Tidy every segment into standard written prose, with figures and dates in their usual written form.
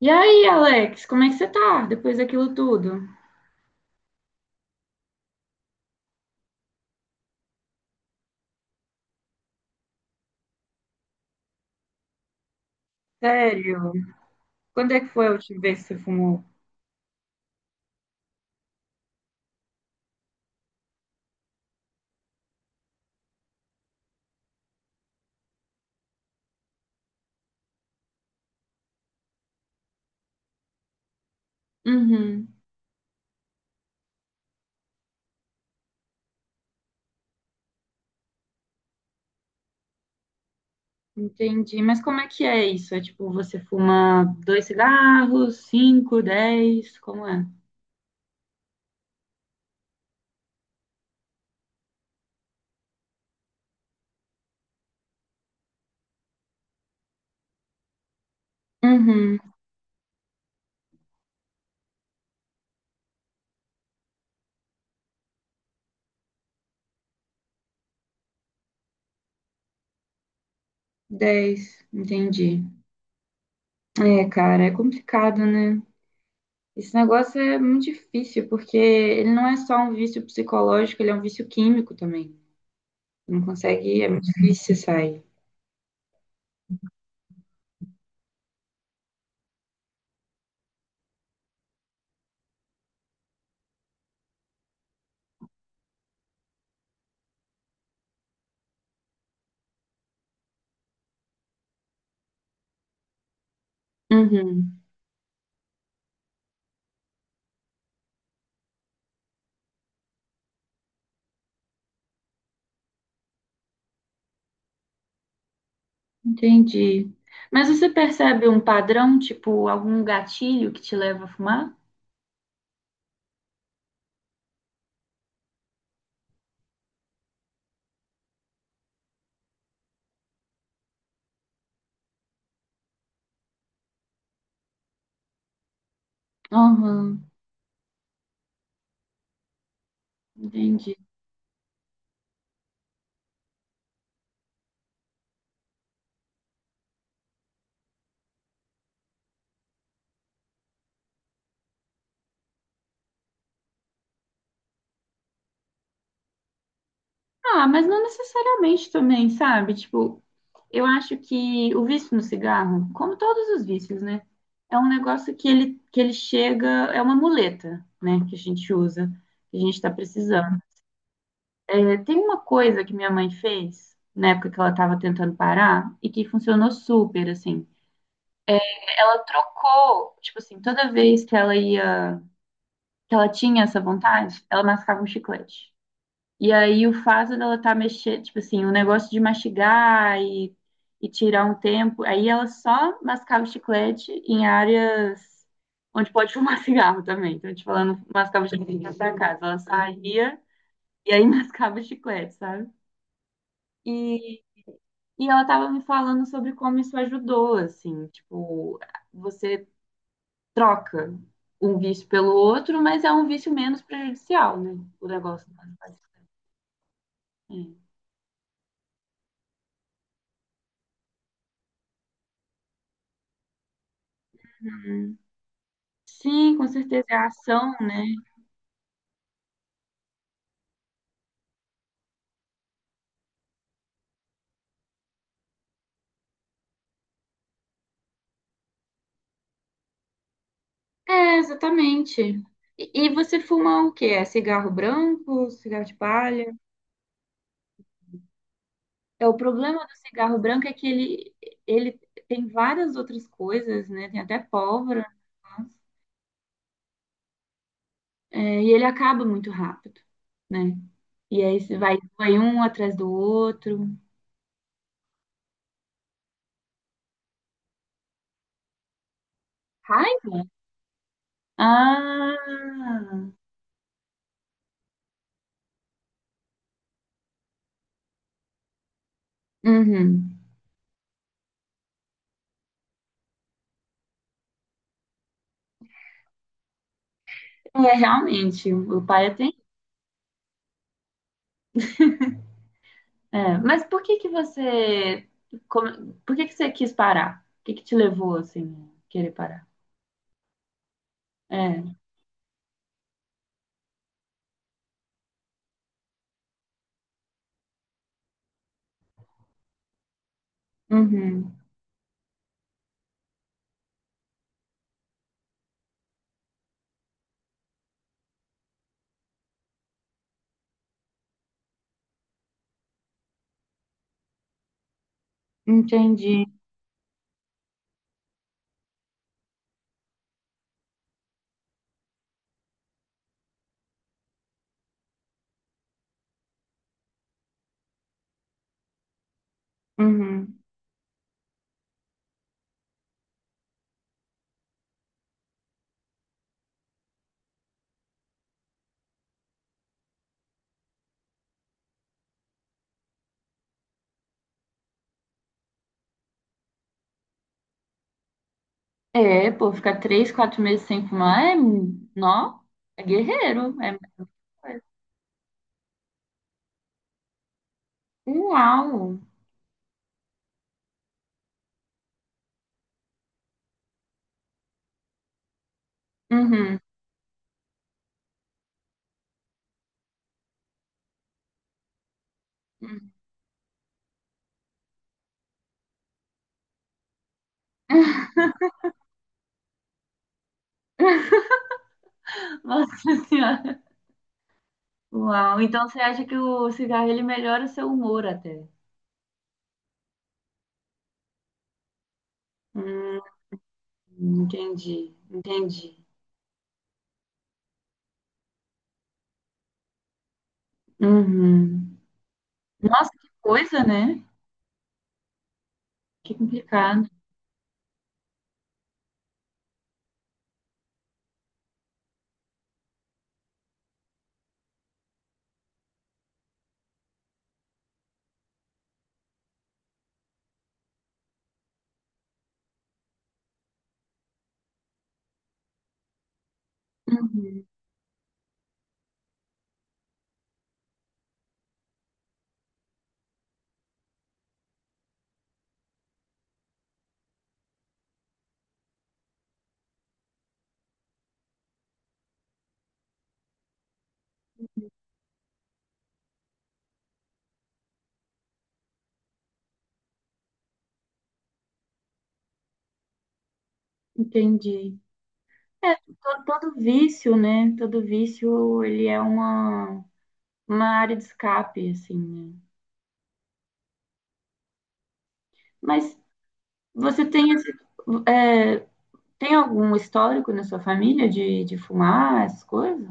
E aí, Alex, como é que você tá depois daquilo tudo? Sério? Quando é que foi a última vez que você fumou? Uhum, entendi. Mas como é que é isso? É tipo, você fuma dois cigarros, cinco, dez? Como é? Uhum, dez, entendi. É, cara, é complicado, né? Esse negócio é muito difícil, porque ele não é só um vício psicológico, ele é um vício químico também. Não consegue, é muito difícil sair. Uhum. Entendi. Mas você percebe um padrão, tipo algum gatilho que te leva a fumar? Aham, entendi. Ah, mas não necessariamente também, sabe? Tipo, eu acho que o vício no cigarro, como todos os vícios, né? É um negócio que que ele chega, é uma muleta, né? Que a gente usa, que a gente tá precisando. É, tem uma coisa que minha mãe fez na época que ela tava tentando parar e que funcionou super, assim. Ela trocou, tipo assim, toda vez que ela ia, que ela tinha essa vontade, ela mascava um chiclete. E aí o fato dela tá mexendo, tipo assim, o negócio de mastigar e tirar um tempo, aí ela só mascava o chiclete em áreas onde pode fumar cigarro também. Então, tipo, ela não mascava o chiclete na casa, ela saía e aí mascava o chiclete, sabe? E, e ela tava me falando sobre como isso ajudou, assim, tipo, você troca um vício pelo outro, mas é um vício menos prejudicial, né? O negócio. É. Sim, com certeza é a ação, né? É, exatamente. E você fuma o quê? É cigarro branco, cigarro de palha? É, o problema do cigarro branco é que ele tem várias outras coisas, né? Tem até pólvora, né? É, e ele acaba muito rápido, né? E aí você vai, vai um atrás do outro. Ai? Ah! Uhum. É, realmente, o pai é tem. É. Mas por que que você. Por que que você quis parar? O que que te levou, assim, a querer parar? É. Uhum. Entendi. Uhum. É, pô, ficar três, quatro meses sem fumar é. Nó, é guerreiro. É... Uau! Uhum. Nossa Senhora. Uau. Então você acha que o cigarro ele melhora o seu humor até? Hum, entendi, entendi. Uhum. Nossa, que coisa, né? Que complicado. Uhum, entendi. É, todo vício, né? Todo vício, ele é uma área de escape, assim, né? Mas você tem esse, é, tem algum histórico na sua família de fumar, essas coisas?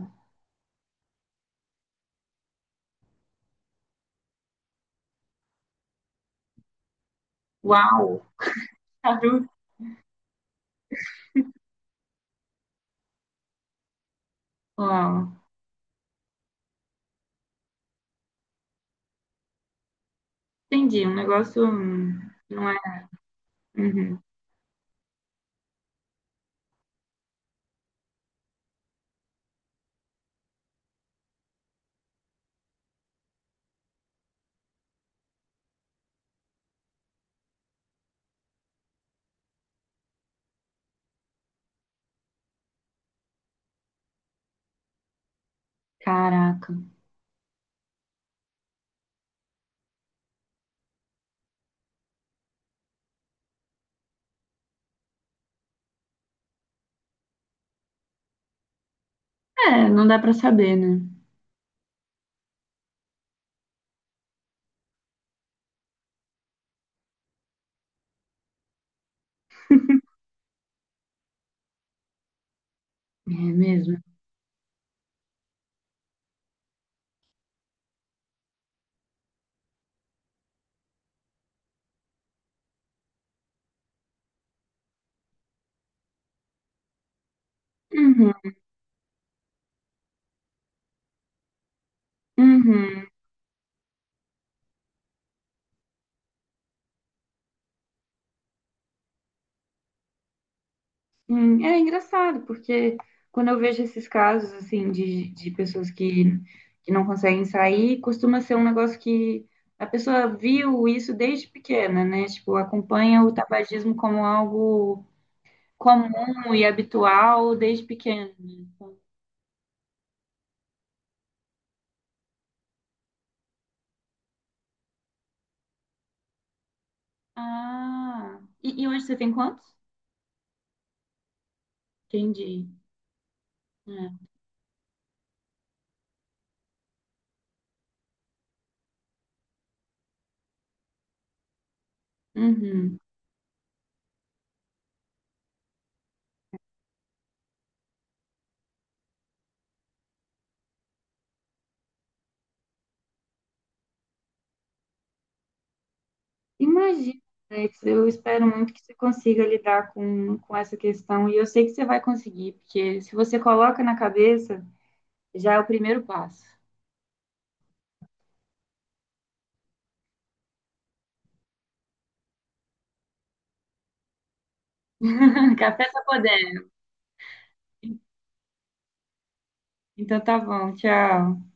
Uau! Charuto. Uau! Entendi, um negócio não é... Uhum. Caraca. É, não dá pra saber, né? É mesmo. Uhum, uhum. É engraçado, porque quando eu vejo esses casos, assim, de pessoas que não conseguem sair, costuma ser um negócio que a pessoa viu isso desde pequena, né? Tipo, acompanha o tabagismo como algo comum e habitual desde pequena, né? Então, ah, e hoje você tem quantos? Entendi. É. Uhum. Imagina, Alex, eu espero muito que você consiga lidar com essa questão e eu sei que você vai conseguir, porque se você coloca na cabeça, já é o primeiro passo. Café só poder. Então tá bom, tchau.